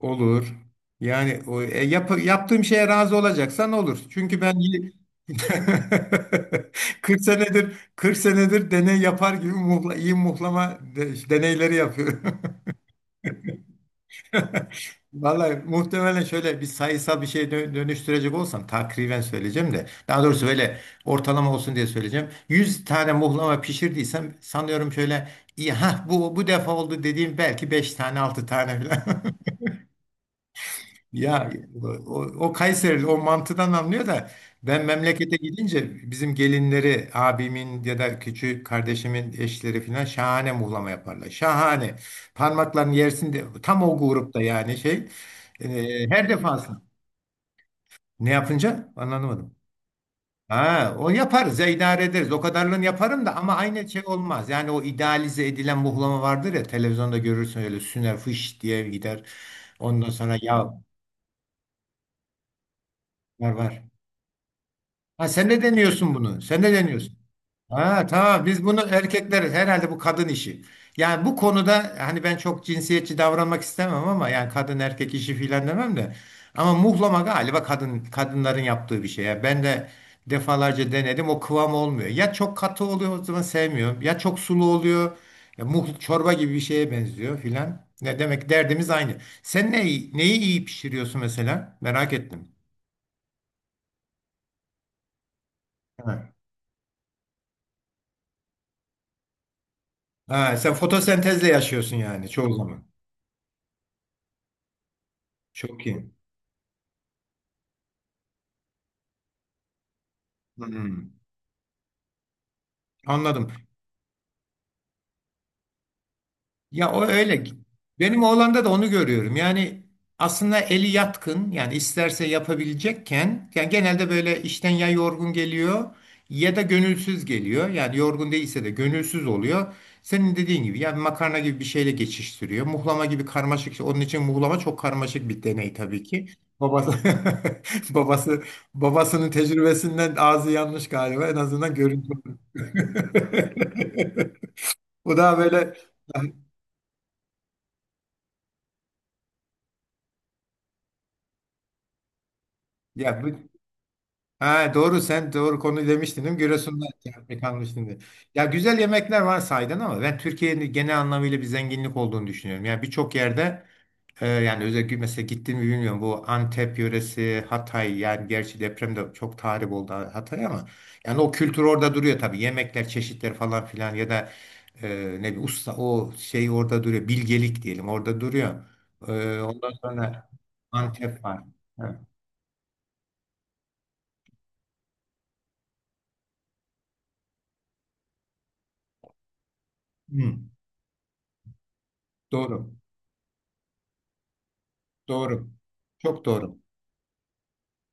Olur. Yani o, yaptığım şeye razı olacaksan olur. Çünkü ben 40 senedir deney yapar gibi iyi muhlama deneyleri yapıyorum. Vallahi muhtemelen şöyle bir sayısal bir şeye dönüştürecek olsam takriben söyleyeceğim de daha doğrusu böyle ortalama olsun diye söyleyeceğim. 100 tane muhlama pişirdiysem sanıyorum şöyle iyi ha bu defa oldu dediğim belki 5 tane 6 tane falan. Ya o, o Kayserili o mantıdan anlıyor da ben memlekete gidince bizim gelinleri abimin ya da küçük kardeşimin eşleri falan şahane muhlama yaparlar. Şahane. Parmaklarını yersin de tam o grupta yani şey. Her defasında. Ne yapınca? Anlamadım. Ha, o yaparız ya idare ederiz. O kadarını yaparım da ama aynı şey olmaz. Yani o idealize edilen muhlama vardır ya televizyonda görürsün öyle süner fış diye gider. Ondan sonra ya var var. Ha, sen de deniyorsun bunu. Sen de deniyorsun. Ha tamam, biz bunu erkekler herhalde, bu kadın işi. Yani bu konuda hani ben çok cinsiyetçi davranmak istemem ama yani kadın erkek işi filan demem de. Ama muhlama galiba kadın kadınların yaptığı bir şey. Yani ben de defalarca denedim o kıvam olmuyor. Ya çok katı oluyor o zaman sevmiyorum. Ya çok sulu oluyor. Ya çorba gibi bir şeye benziyor filan. Ne demek, derdimiz aynı. Sen neyi iyi pişiriyorsun mesela? Merak ettim. Ha, sen fotosentezle yaşıyorsun yani çoğu zaman. Çok iyi. Hmm, anladım. Ya o öyle. Benim oğlanda da onu görüyorum. Yani aslında eli yatkın, yani isterse yapabilecekken, yani genelde böyle işten ya yorgun geliyor ya da gönülsüz geliyor. Yani yorgun değilse de gönülsüz oluyor. Senin dediğin gibi yani makarna gibi bir şeyle geçiştiriyor. Muhlama gibi karmaşık. Onun için muhlama çok karmaşık bir deney tabii ki. Babası babası babasının tecrübesinden ağzı yanmış galiba, en azından görüntü. Bu daha böyle ya Ha, doğru, sen doğru konu demiştin değil mi? Giresun'da ekmek almıştın diye. Ya güzel yemekler var sahiden ama ben Türkiye'nin genel anlamıyla bir zenginlik olduğunu düşünüyorum. Yani birçok yerde yani özellikle mesela gittim mi bilmiyorum bu Antep yöresi, Hatay, yani gerçi depremde çok tahrip oldu Hatay ama yani o kültür orada duruyor tabii. Yemekler, çeşitler falan filan, ya da ne bileyim, usta o şey orada duruyor. Bilgelik diyelim, orada duruyor. Ondan sonra Antep var. Evet. Hı, doğru. Doğru. Çok doğru.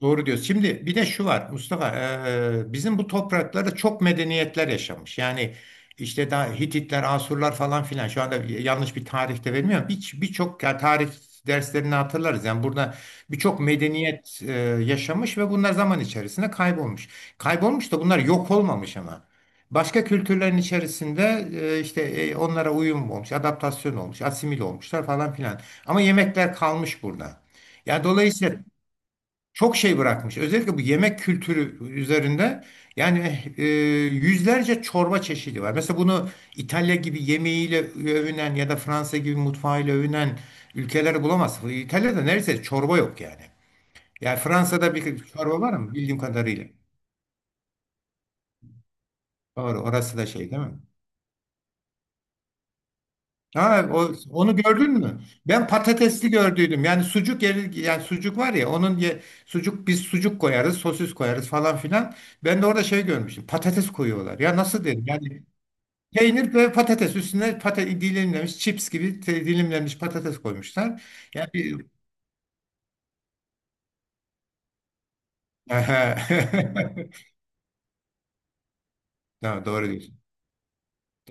Doğru diyorsun. Şimdi bir de şu var Mustafa, bizim bu topraklarda çok medeniyetler yaşamış. Yani işte daha Hititler, Asurlar falan filan, şu anda yanlış bir tarihte vermiyorum. Birçok yani, tarih derslerini hatırlarız. Yani burada birçok medeniyet yaşamış ve bunlar zaman içerisinde kaybolmuş. Kaybolmuş da bunlar yok olmamış ama. Başka kültürlerin içerisinde işte onlara uyum olmuş, adaptasyon olmuş, asimil olmuşlar falan filan. Ama yemekler kalmış burada. Yani dolayısıyla çok şey bırakmış. Özellikle bu yemek kültürü üzerinde, yani eh, e, yüzlerce çorba çeşidi var. Mesela bunu İtalya gibi yemeğiyle övünen ya da Fransa gibi mutfağıyla övünen ülkeler bulamazsın. İtalya'da neredeyse çorba yok yani. Yani Fransa'da bir çorba var mı bildiğim kadarıyla? Doğru, orası da şey değil mi? Ha, onu gördün mü? Ben patatesli gördüydüm. Yani sucuk yeri, yani sucuk var ya sucuk, biz sucuk koyarız, sosis koyarız falan filan. Ben de orada şey görmüştüm. Patates koyuyorlar. Ya nasıl dedim? Yani peynir ve patates üstüne patates, dilimlenmiş chips gibi dilimlenmiş patates koymuşlar. Yani bir... Ha, doğru diyorsun.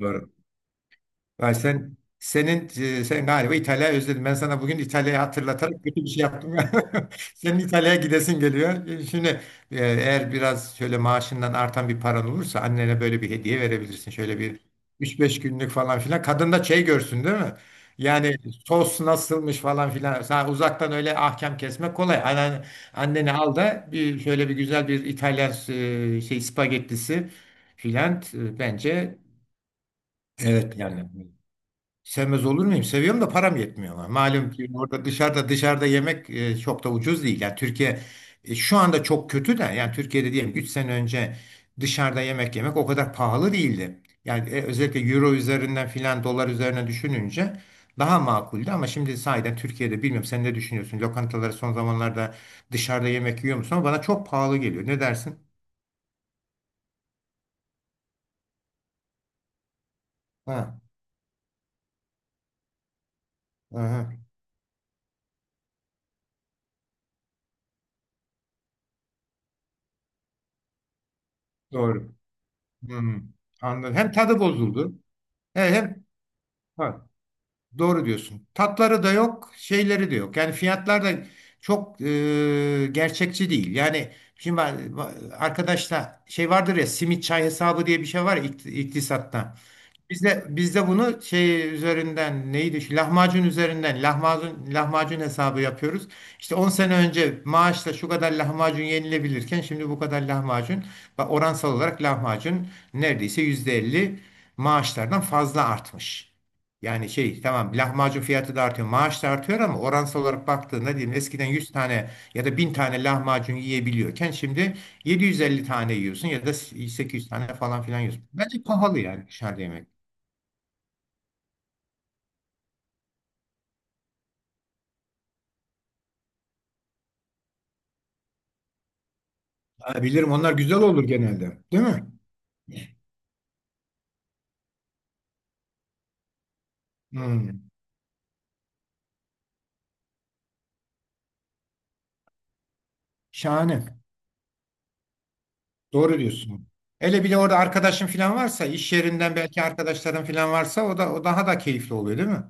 Doğru. Vay sen sen galiba İtalya'yı özledin. Ben sana bugün İtalya'yı hatırlatarak kötü bir şey yaptım. Senin İtalya'ya gidesin geliyor. Şimdi eğer biraz şöyle maaşından artan bir paran olursa annene böyle bir hediye verebilirsin. Şöyle bir üç beş günlük falan filan. Kadın da şey görsün değil mi? Yani sos nasılmış falan filan. Sen uzaktan öyle ahkam kesmek kolay. Anneni al da bir şöyle bir güzel bir İtalyan şey spagettisi filan, bence. Evet yani. Sevmez olur muyum? Seviyorum da param yetmiyor ama. Malum ki orada dışarıda yemek çok da ucuz değil. Yani Türkiye şu anda çok kötü de, yani Türkiye'de diyelim 3 sene önce dışarıda yemek yemek o kadar pahalı değildi. Yani özellikle euro üzerinden filan, dolar üzerine düşününce daha makuldü, ama şimdi sahiden Türkiye'de bilmiyorum, sen ne düşünüyorsun? Lokantaları son zamanlarda dışarıda yemek yiyor musun? Ama bana çok pahalı geliyor. Ne dersin? Ha, aha, doğru. Hmm, anladım. Hem tadı bozuldu. He, hem doğru diyorsun. Tatları da yok, şeyleri de yok. Yani fiyatlar da çok gerçekçi değil. Yani şimdi ben arkadaşla şey vardır ya, simit çay hesabı diye bir şey var ya iktisatta. Bizde bunu şey üzerinden, neydi, şu lahmacun üzerinden lahmacun hesabı yapıyoruz. İşte 10 sene önce maaşla şu kadar lahmacun yenilebilirken şimdi bu kadar lahmacun, bak oransal olarak lahmacun neredeyse %50 maaşlardan fazla artmış. Yani şey, tamam lahmacun fiyatı da artıyor, maaş da artıyor, ama oransal olarak baktığında, diyelim eskiden 100 tane ya da 1000 tane lahmacun yiyebiliyorken şimdi 750 tane yiyorsun ya da 800 tane falan filan yiyorsun. Bence pahalı yani dışarıda yemek. Ha, bilirim, onlar güzel olur genelde. Değil mi? Hmm, şahane. Doğru diyorsun. Hele bir de orada arkadaşın falan varsa, iş yerinden belki arkadaşların falan varsa o daha da keyifli oluyor değil mi?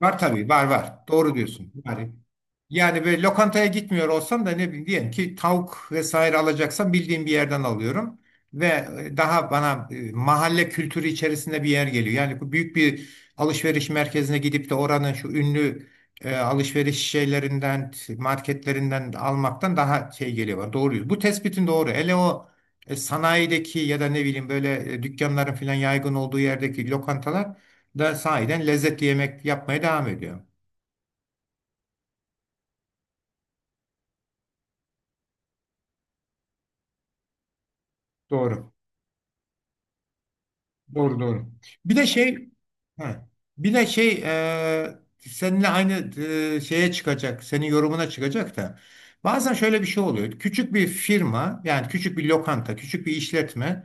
Var tabii, var var. Doğru diyorsun. Var. Yani böyle lokantaya gitmiyor olsam da, ne bileyim, diyelim ki tavuk vesaire alacaksam bildiğim bir yerden alıyorum. Ve daha mahalle kültürü içerisinde bir yer geliyor. Yani bu büyük bir alışveriş merkezine gidip de oranın şu ünlü alışveriş şeylerinden, marketlerinden almaktan daha şey geliyor bana. Doğru. Bu tespitin doğru. Hele o sanayideki ya da ne bileyim böyle dükkanların falan yaygın olduğu yerdeki lokantalar da sahiden lezzetli yemek yapmaya devam ediyor. Doğru. Doğru doğru. Bir de şey, ha, bir de şey seninle aynı şeye çıkacak, senin yorumuna çıkacak da, bazen şöyle bir şey oluyor. Küçük bir firma, yani küçük bir lokanta, küçük bir işletme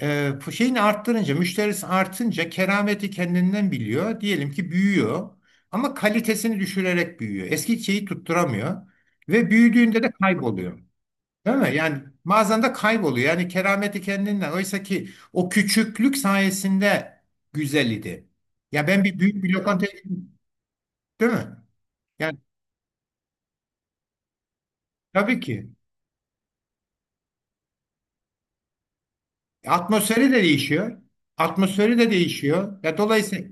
bu şeyini arttırınca, müşterisi artınca kerameti kendinden biliyor. Diyelim ki büyüyor ama kalitesini düşürerek büyüyor. Eski şeyi tutturamıyor ve büyüdüğünde de kayboluyor. Değil mi? Yani bazen de kayboluyor. Yani kerameti kendinden. Oysa ki o küçüklük sayesinde güzel idi. Ya, ben bir büyük bir lokantaya gittim. Değil mi? Yani tabii ki. Atmosferi de değişiyor. Atmosferi de değişiyor. Ya dolayısıyla,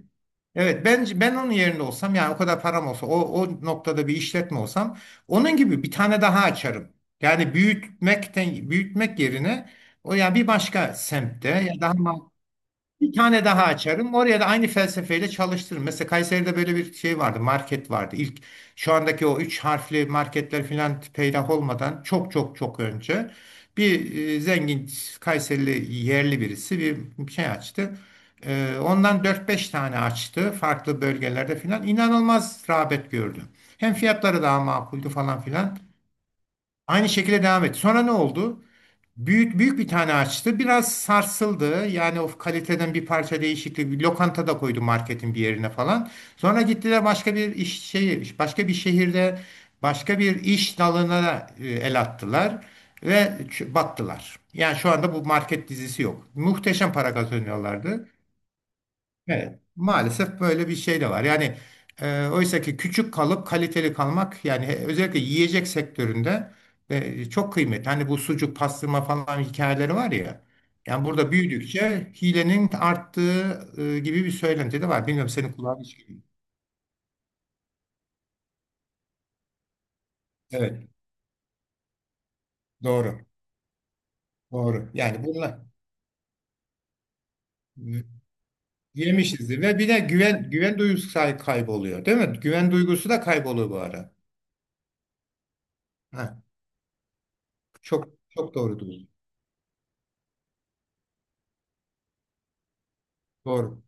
evet, ben onun yerinde olsam, yani o kadar param olsa, o noktada bir işletme olsam onun gibi bir tane daha açarım. Yani büyütmekten, büyütmek yerine o ya bir başka semtte ya daha... Bir tane daha açarım. Oraya da aynı felsefeyle çalıştırırım. Mesela Kayseri'de böyle bir şey vardı. Market vardı. İlk, şu andaki o üç harfli marketler filan peydah olmadan çok çok çok önce bir zengin Kayserili yerli birisi bir şey açtı. Ondan 4-5 tane açtı farklı bölgelerde filan. İnanılmaz rağbet gördü. Hem fiyatları daha makuldü falan filan. Aynı şekilde devam etti. Sonra ne oldu? Büyük büyük bir tane açtı. Biraz sarsıldı. Yani o kaliteden bir parça değişiklik. Bir lokanta da koydu marketin bir yerine falan. Sonra gittiler başka bir iş şehir, başka bir şehirde başka bir iş dalına el attılar ve battılar. Yani şu anda bu market dizisi yok. Muhteşem para kazanıyorlardı. Evet, maalesef böyle bir şey de var. Yani oysa ki küçük kalıp kaliteli kalmak, yani özellikle yiyecek sektöründe çok kıymetli. Hani bu sucuk, pastırma falan hikayeleri var ya. Yani burada büyüdükçe hilenin arttığı gibi bir söylenti de var. Bilmiyorum senin kulağın hiç geliyor mu? Evet, doğru. Doğru. Yani bunlar yemişizdir, ve bir de güven duygusu kayboluyor, değil mi? Güven duygusu da kayboluyor bu ara. Ha, çok çok doğru diyorsun. Doğru.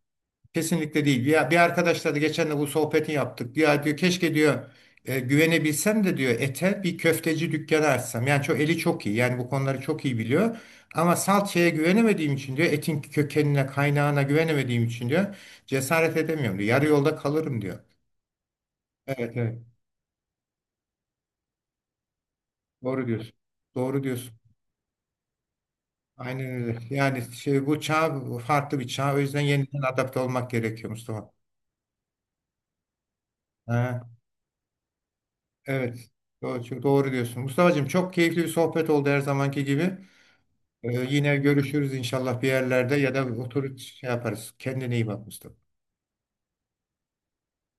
Kesinlikle değil. Ya, bir arkadaşla da geçen de bu sohbeti yaptık. Ya diyor, keşke diyor güvenebilsem de diyor ete, bir köfteci dükkanı açsam. Yani çok eli çok iyi. Yani bu konuları çok iyi biliyor. Ama salçaya güvenemediğim için diyor, etin kökenine, kaynağına güvenemediğim için diyor cesaret edemiyorum diyor. Yarı yolda kalırım diyor. Evet evet. Doğru diyorsun. Doğru diyorsun. Aynen öyle. Yani şey, bu çağ farklı bir çağ. O yüzden yeniden adapte olmak gerekiyor Mustafa. Ha. Evet. Doğru, çok doğru diyorsun. Mustafa'cığım, çok keyifli bir sohbet oldu her zamanki gibi. Yine görüşürüz inşallah bir yerlerde, ya da oturup şey yaparız. Kendine iyi bak Mustafa.